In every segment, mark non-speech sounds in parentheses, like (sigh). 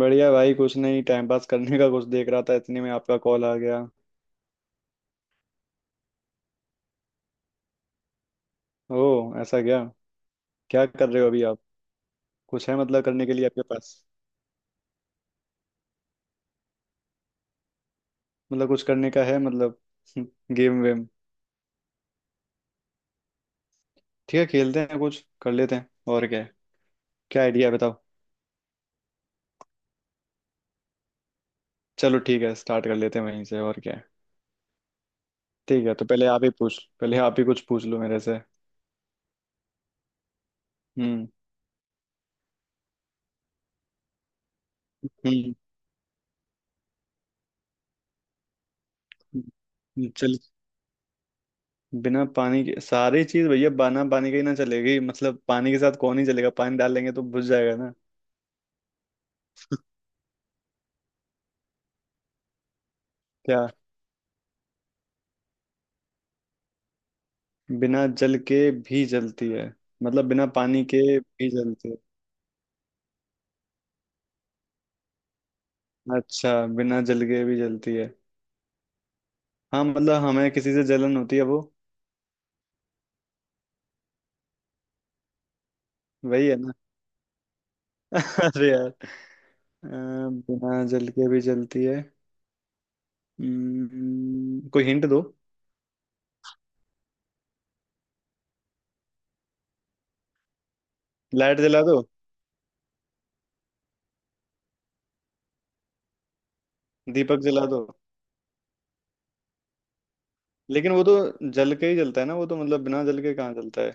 बढ़िया भाई कुछ नहीं टाइम पास करने का कुछ देख रहा था, इतने में आपका कॉल आ गया। ओ, ऐसा क्या? क्या कर रहे हो अभी आप? कुछ है मतलब करने के लिए आपके पास? मतलब कुछ करने का है मतलब। (laughs) गेम वेम। ठीक है, खेलते हैं कुछ कर लेते हैं, और क्या है। क्या आइडिया है बताओ। चलो ठीक है, स्टार्ट कर लेते हैं वहीं से, और क्या है। ठीक है, तो पहले आप ही कुछ पूछ लो मेरे से। हम्म, हम्म, चल। बिना पानी के सारी चीज भैया, बिना पानी के ही ना चलेगी, मतलब पानी के साथ कौन ही चलेगा, पानी डाल लेंगे तो बुझ जाएगा ना। क्या? बिना जल के भी जलती है, मतलब बिना पानी के भी जलती है। अच्छा। बिना जल के भी जलती है। हाँ, मतलब हमें किसी से जलन होती है वो। वही है ना? (laughs) अरे यार। अ, बिना जल के भी जलती है। कोई हिंट दो। लाइट जला दो। दीपक जला दो। लेकिन वो तो जल के ही जलता है ना, वो तो मतलब बिना जल के कहाँ जलता है।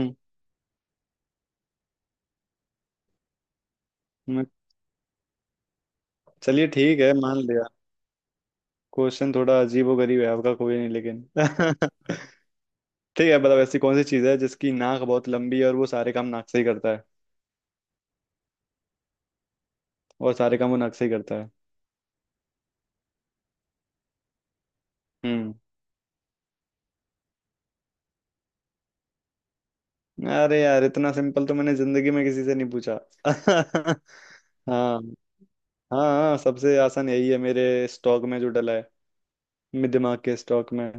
हम्म, मैं- चलिए ठीक है, मान लिया। क्वेश्चन थोड़ा अजीबो गरीब है आपका, कोई नहीं लेकिन। (laughs) ठीक है, मतलब ऐसी कौन सी चीज़ है जिसकी नाक बहुत लंबी है और वो सारे काम नाक से ही करता है। और सारे काम वो नाक से ही करता है। हम्म अरे यार, इतना सिंपल तो मैंने जिंदगी में किसी से नहीं पूछा। (laughs) हाँ। हाँ, हाँ, सबसे आसान यही है मेरे स्टॉक में जो डला है, मेरे दिमाग के स्टॉक में।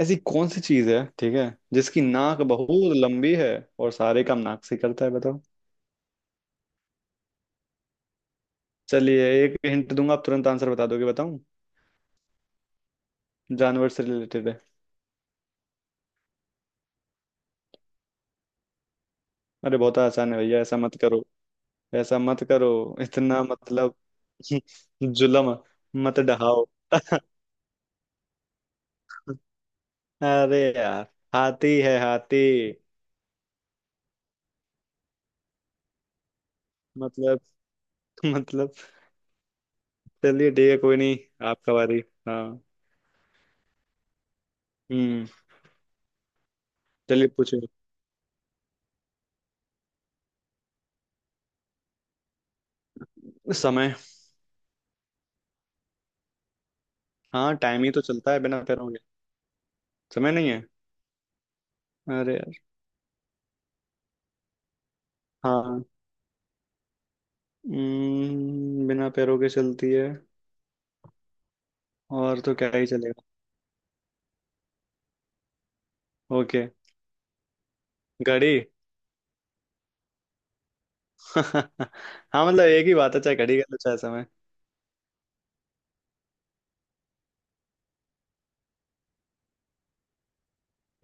ऐसी कौन सी चीज़ है, ठीक है, जिसकी नाक बहुत लंबी है और सारे काम नाक से ही करता है, बताओ। चलिए एक हिंट दूंगा, आप तुरंत आंसर बता दोगे, बताऊं? जानवर से रिलेटेड है। अरे बहुत आसान है भैया, ऐसा मत करो। ऐसा मत करो, इतना मतलब जुलम मत डहाओ। अरे यार, हाथी है हाथी। मतलब मतलब चलिए ठीक है, कोई नहीं, आपका बारी। हाँ। हम्म चलिए पूछिए। समय। हाँ, टाइम ही तो चलता है बिना पैरों के। समय नहीं है? अरे यार। हाँ। बिना पैरों के चलती है। और तो क्या ही चलेगा। ओके। घड़ी। (laughs) हाँ, मतलब एक ही बात है, चाहे घड़ी का तो चाहे समय।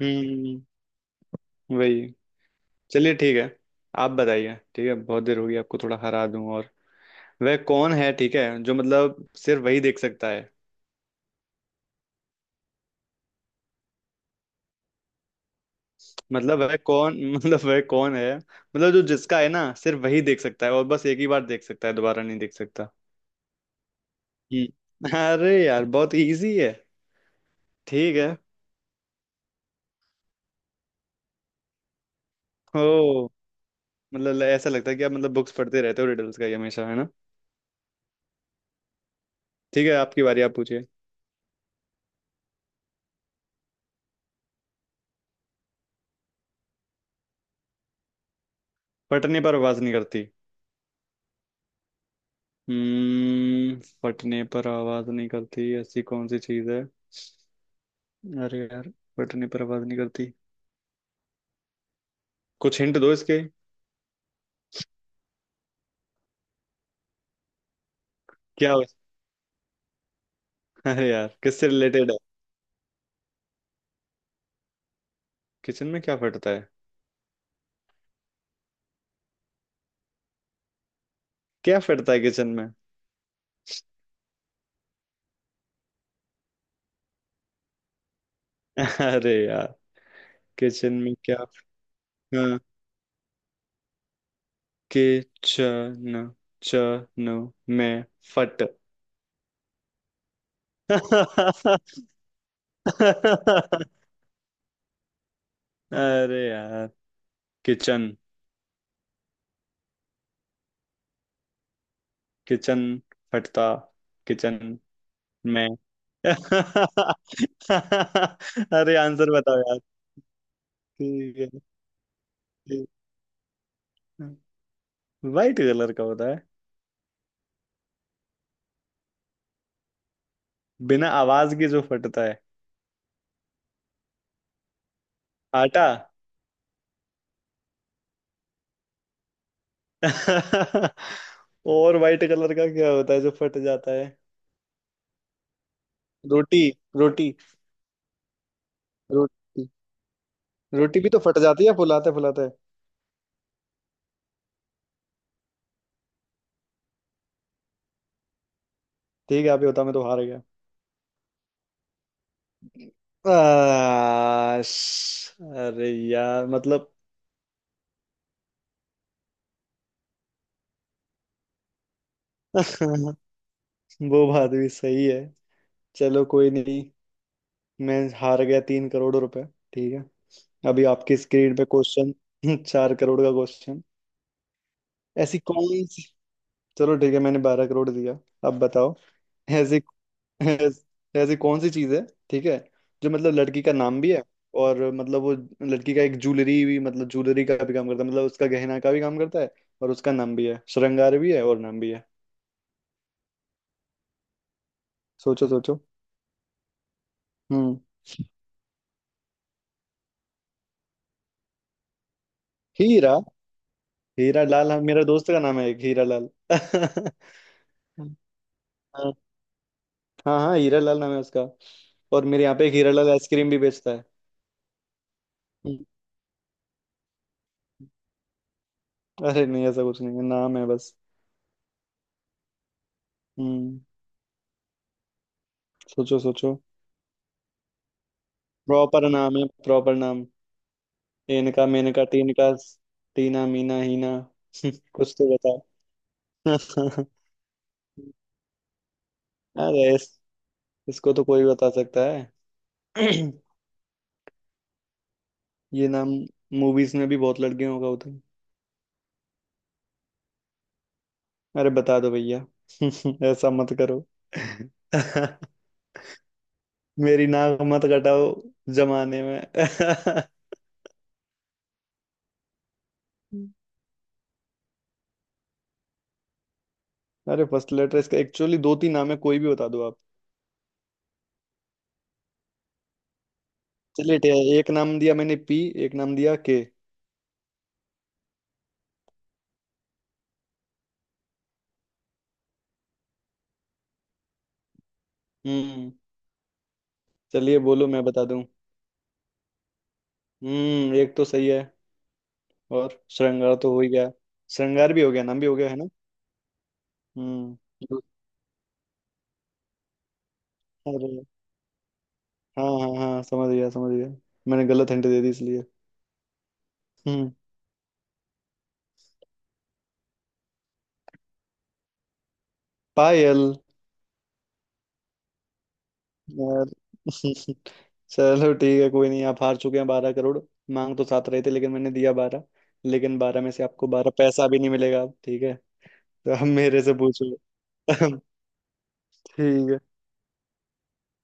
हम्म वही। चलिए ठीक है, आप बताइए। ठीक है, बहुत देर हो गई, आपको थोड़ा हरा दूं और। वह कौन है, ठीक है, जो मतलब सिर्फ वही देख सकता है। मतलब वह कौन (laughs) मतलब वह कौन है, मतलब जो, जिसका है ना सिर्फ वही देख सकता है, और बस एक ही बार देख सकता है, दोबारा नहीं देख सकता। अरे यार, बहुत इजी है। ठीक है। ओ। मतलब ऐसा लगता है कि आप मतलब बुक्स पढ़ते रहते हो रिडल्स का ही हमेशा, है ना? ठीक है, आपकी बारी, आप पूछिए। फटने पर आवाज नहीं करती? फटने पर आवाज नहीं करती, ऐसी कौन सी चीज है? अरे यार, बटन पर आवाज नहीं करती। कुछ हिंट दो इसके। क्या हो? (laughs) अरे यार, किससे रिलेटेड है? किचन में क्या फटता है? क्या फटता है किचन में? (laughs) अरे यार, किचन में क्या। हाँ, किचन। चन। में। फट। (laughs) अरे यार, किचन। किचन। फटता। किचन में। (laughs) अरे आंसर बताओ यार। ठीक है। ठीक। वाइट कलर का होता है। बिना आवाज के जो फटता है। आटा? (laughs) और वाइट कलर का क्या होता है जो फट जाता है? रोटी। रोटी। रोटी। रोटी भी तो फट जाती है फुलाते फुलाते। ठीक है, आप ही होता, मैं तो हार गया। अरे यार, मतलब। (laughs) वो बात भी सही है। चलो कोई नहीं। मैं हार गया 3 करोड़ रुपए। ठीक है। अभी आपकी स्क्रीन पे क्वेश्चन। (laughs) 4 करोड़ का क्वेश्चन। ऐसी कौन सी चलो ठीक है, मैंने 12 करोड़ दिया। अब बताओ। ऐसी ऐसी कौन सी चीज है, ठीक है, जो मतलब लड़की का नाम भी है, और मतलब वो लड़की का एक ज्वेलरी भी, मतलब ज्वेलरी का भी काम करता है, मतलब उसका गहना का भी काम करता है, और उसका नाम भी है, श्रृंगार भी है और नाम भी है। सोचो सोचो। हम्म हीरा। हीरा लाल? हाँ, मेरा दोस्त का नाम है एक, हीरा लाल। (laughs) हाँ, हाँ, हीरा लाल नाम है उसका। और मेरे यहाँ पे एक हीरा लाल आइसक्रीम भी बेचता है। हम्म, अरे नहीं, ऐसा कुछ नहीं है, नाम है बस। हम्म सोचो सोचो। प्रॉपर नाम है, प्रॉपर नाम। इनका, मेनका, टीनका। टीना, मीना, हीना। (laughs) कुछ तो बताओ। (laughs) अरे इसको तो कोई बता सकता है। (clears throat) ये नाम मूवीज में भी बहुत लड़कियों का होता है। अरे बता दो भैया। (laughs) ऐसा मत करो। (laughs) मेरी नाक मत कटाओ जमाने में। (laughs) अरे फर्स्ट लेटर इसका, एक्चुअली दो तीन नाम है, कोई भी बता दो आप। चलिए ठीक है, एक नाम दिया मैंने, पी। एक नाम दिया, के। हम्म चलिए, बोलो मैं बता दूं। एक तो सही है। और श्रृंगार तो हो ही गया। श्रृंगार भी हो गया, नाम भी हो गया, है ना। हम्म दो- अरे हाँ, हाँ, हाँ, समझ गया, समझ गया। मैंने गलत हिंट दे दी इसलिए। हम्म पायल यार। (laughs) चलो ठीक है, कोई नहीं, आप हार चुके हैं 12 करोड़। मांग तो सात रहे थे, लेकिन मैंने दिया 12। लेकिन बारह में से आपको 12 पैसा भी नहीं मिलेगा अब, ठीक है। तो अब मेरे से पूछो। (laughs) ठीक है।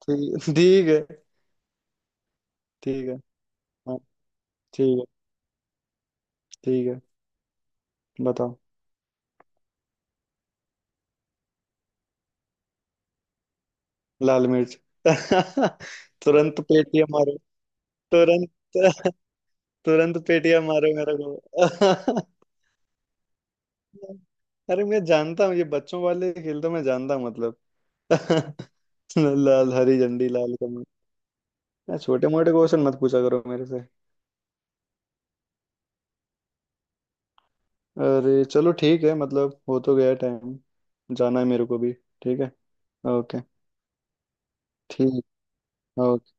ठीक, ठीक है। ठीक है। हाँ। ठीक है। ठीक है, बताओ। लाल मिर्च। (laughs) तुरंत पेटियां मारो। तुरंत तुरंत पेटियां मारो मेरे को। (laughs) अरे मैं जानता हूँ, ये बच्चों वाले खेल तो मैं जानता हूँ, मतलब। (laughs) लाल हरी झंडी लाल कमल। छोटे मोटे क्वेश्चन मत पूछा करो मेरे से। अरे चलो ठीक है, मतलब हो तो गया टाइम। जाना है मेरे को भी। ठीक है। ओके। ठीक। ओके।